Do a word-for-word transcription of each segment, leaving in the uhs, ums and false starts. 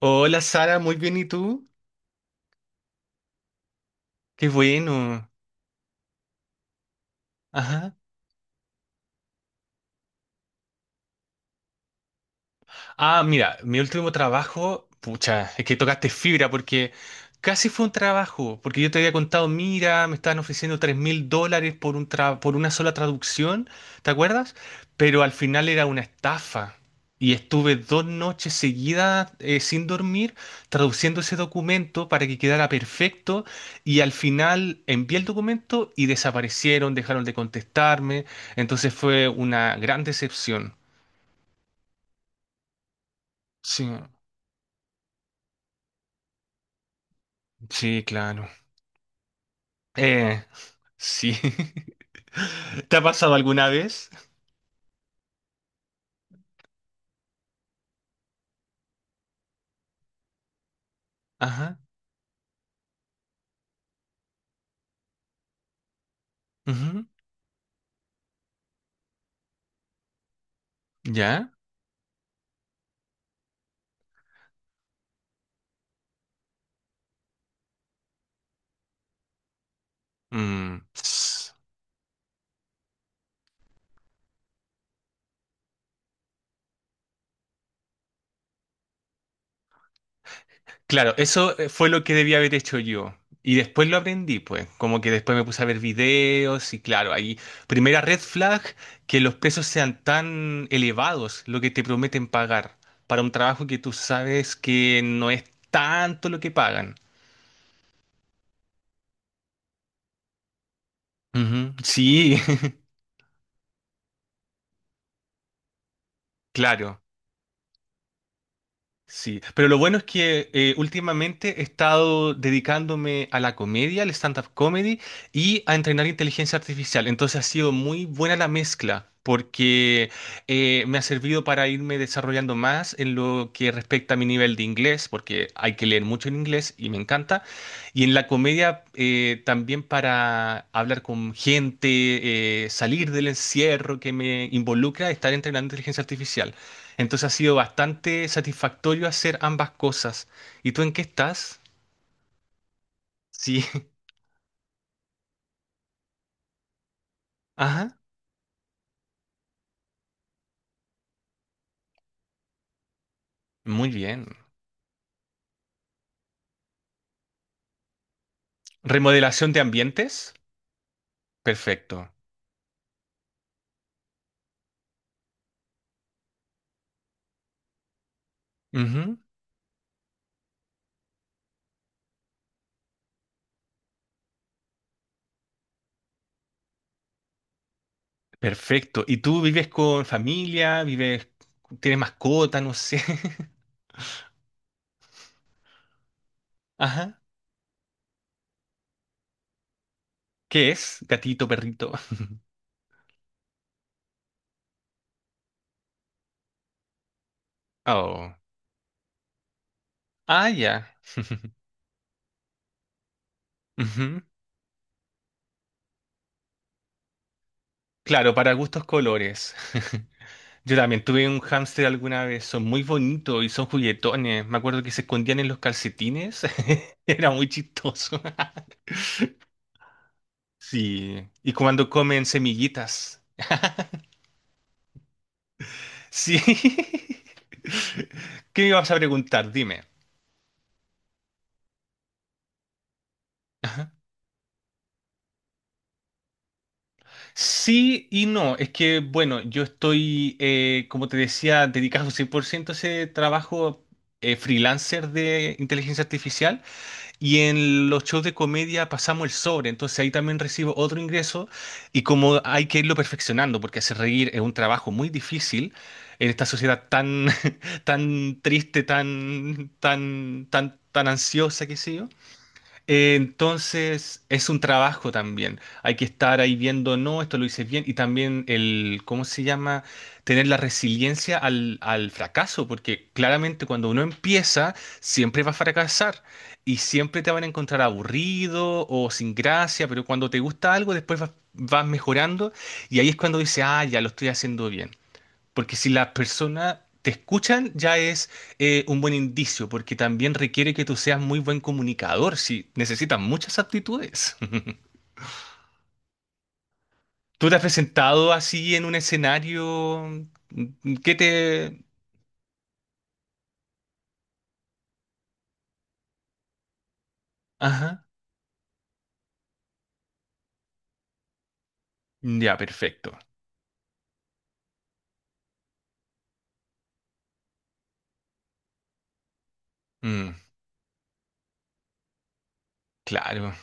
Hola Sara, muy bien, ¿y tú? Qué bueno. Ajá. Ah, mira, mi último trabajo, pucha, es que tocaste fibra porque casi fue un trabajo, porque yo te había contado, mira, me estaban ofreciendo tres mil dólares por un tra- por una sola traducción, ¿te acuerdas? Pero al final era una estafa y estuve dos noches seguidas, eh, sin dormir traduciendo ese documento para que quedara perfecto y al final envié el documento y desaparecieron, dejaron de contestarme, entonces fue una gran decepción. Sí, sí, claro. Eh, sí. ¿Te ha pasado alguna vez? Ajá. Ujú. ¿Ya? Mm. Claro, eso, eh, fue lo que debía haber hecho yo. Y después lo aprendí, pues. Como que después me puse a ver videos y claro, ahí, primera red flag, que los precios sean tan elevados, lo que te prometen pagar, para un trabajo que tú sabes que no es tanto lo que pagan. Ujú. Sí, claro. Sí, pero lo bueno es que, eh, últimamente he estado dedicándome a la comedia, al stand-up comedy y a entrenar inteligencia artificial. Entonces ha sido muy buena la mezcla porque, eh, me ha servido para irme desarrollando más en lo que respecta a mi nivel de inglés, porque hay que leer mucho en inglés y me encanta. Y en la comedia, eh, también para hablar con gente, eh, salir del encierro que me involucra estar entrenando inteligencia artificial. Entonces ha sido bastante satisfactorio hacer ambas cosas. ¿Y tú en qué estás? Sí. Ajá. Muy bien. ¿Remodelación de ambientes? Perfecto. Ujú. Perfecto. ¿Y tú vives con familia? ¿Vives, tienes mascota? No sé. Ajá. ¿Qué es? ¿Gatito, perrito? Oh. Ah, ya. Ujú. Claro, para gustos colores. Yo también tuve un hámster alguna vez, son muy bonitos y son juguetones. Me acuerdo que se escondían en los calcetines, era muy chistoso. Sí, y cuando comen semillitas. Sí. ¿Qué me ibas a preguntar? Dime. Ajá. Sí y no, es que bueno, yo estoy, eh, como te decía, dedicado cien por ciento a ese trabajo, eh, freelancer de inteligencia artificial. Y en los shows de comedia pasamos el sobre, entonces ahí también recibo otro ingreso y como hay que irlo perfeccionando, porque hacer reír es un trabajo muy difícil en esta sociedad tan, tan triste, tan, tan, tan, tan ansiosa que sé yo. Eh, Entonces es un trabajo también. Hay que estar ahí viendo, no, esto lo hice bien. Y también el, ¿cómo se llama? Tener la resiliencia al, al fracaso, porque claramente cuando uno empieza, siempre va a fracasar y siempre te van a encontrar aburrido o sin gracia, pero cuando te gusta algo, después vas, vas mejorando y ahí es cuando dices, ah, ya lo estoy haciendo bien. Porque si las personas te escuchan, ya es, eh, un buen indicio, porque también requiere que tú seas muy buen comunicador, si necesitas muchas aptitudes. ¿Tú te has presentado así en un escenario, mm, que te...? Ajá. Ya, perfecto. Mm, claro.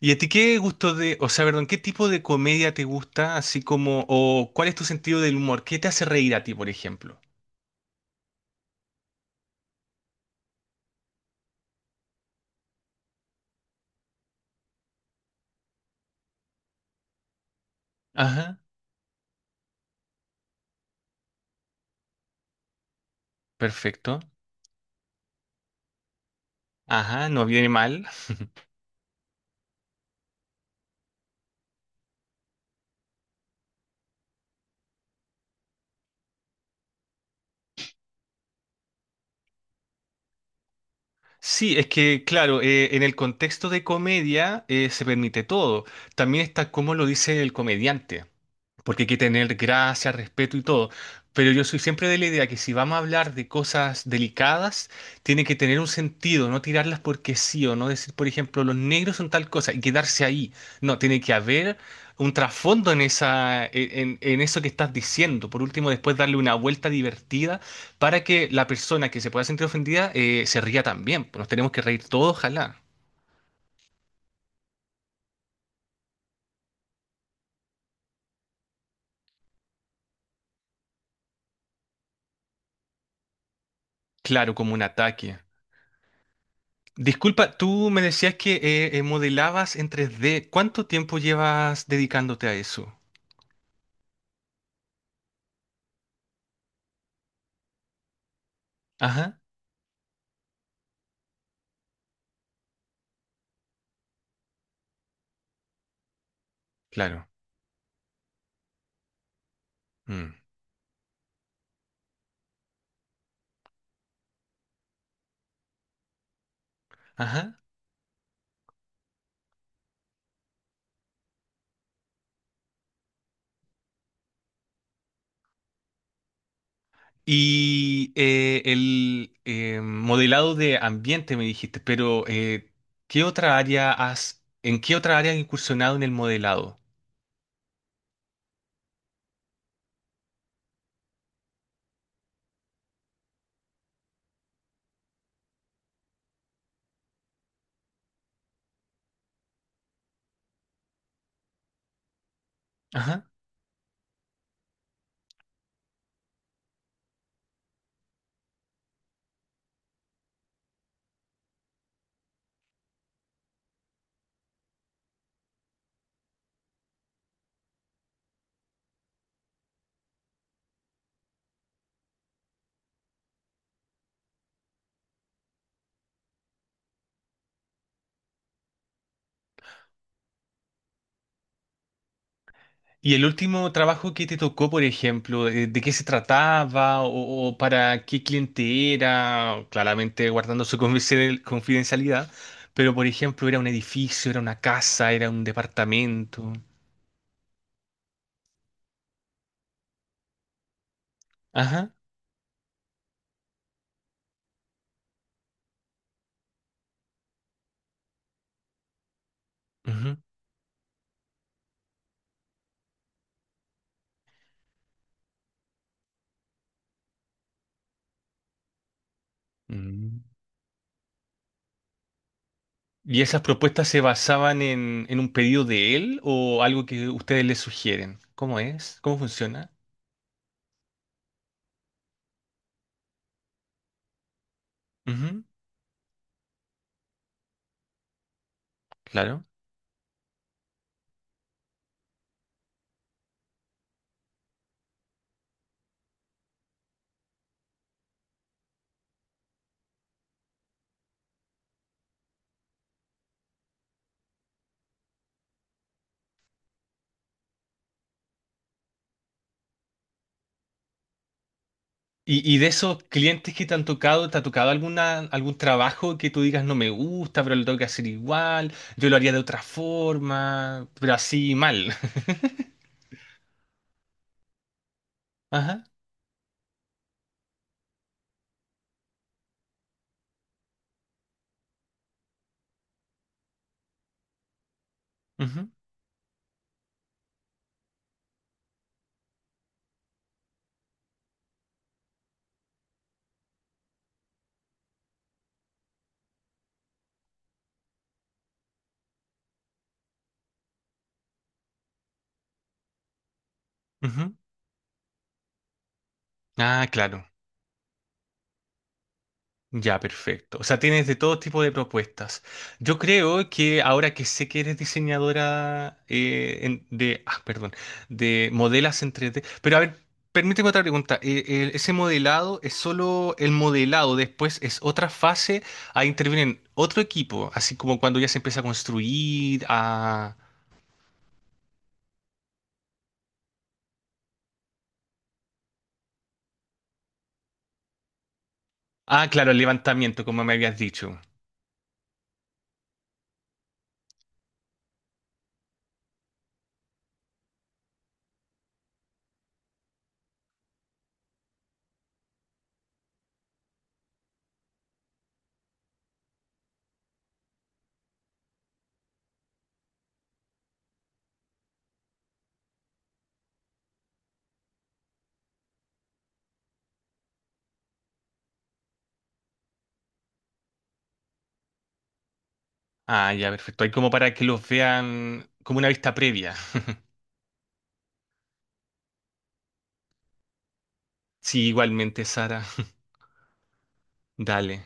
¿Y a ti qué gusto de, o sea, perdón, qué tipo de comedia te gusta, así como, o cuál es tu sentido del humor? ¿Qué te hace reír a ti, por ejemplo? Ajá, perfecto. Ajá, no viene mal. Sí, es que, claro, eh, en el contexto de comedia eh, se permite todo. También está cómo lo dice el comediante, porque hay que tener gracia, respeto y todo. Pero yo soy siempre de la idea que si vamos a hablar de cosas delicadas, tiene que tener un sentido, no tirarlas porque sí o no decir, por ejemplo, los negros son tal cosa y quedarse ahí. No, tiene que haber un trasfondo en esa, en, en eso que estás diciendo. Por último, después darle una vuelta divertida para que la persona que se pueda sentir ofendida, eh, se ría también. Pues nos tenemos que reír todos, ojalá. Claro, como un ataque. Disculpa, tú me decías que eh, eh, modelabas en tres D. ¿Cuánto tiempo llevas dedicándote a eso? Ajá, claro. Mm. Ajá. Y, eh, el, eh, modelado de ambiente me dijiste, pero, eh, ¿qué otra área has, ¿en qué otra área has incursionado en el modelado? ¿Y el último trabajo que te tocó, por ejemplo, eh, de qué se trataba, o, o para qué cliente era? Claramente guardando su confidencial- confidencialidad, pero por ejemplo, ¿era un edificio, era una casa, era un departamento? Ajá. Ujú. Mm. ¿Y esas propuestas se basaban en, en un pedido de él o algo que ustedes le sugieren? ¿Cómo es? ¿Cómo funciona? Ujú. Claro. Y, y de esos clientes que te han tocado, ¿te ha tocado alguna, algún trabajo que tú digas no me gusta, pero lo tengo que hacer igual? Yo lo haría de otra forma, pero así mal. Ajá. Ujú, ujú. Ah, claro. Ya, perfecto. O sea, tienes de todo tipo de propuestas. Yo creo que ahora que sé que eres diseñadora, eh, en- de, ah, perdón, de modelas en tres D, pero a ver, permíteme otra pregunta. Eh, eh, ese modelado es solo el modelado, después es otra fase, ahí intervienen otro equipo, así como cuando ya se empieza a construir, a... Ah, claro, el levantamiento, como me habías dicho. Ah, ya, perfecto. Hay como para que los vean como una vista previa. Sí, igualmente, Sara. Dale.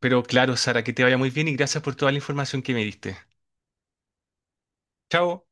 Pero claro, Sara, que te vaya muy bien y gracias por toda la información que me diste. Chao.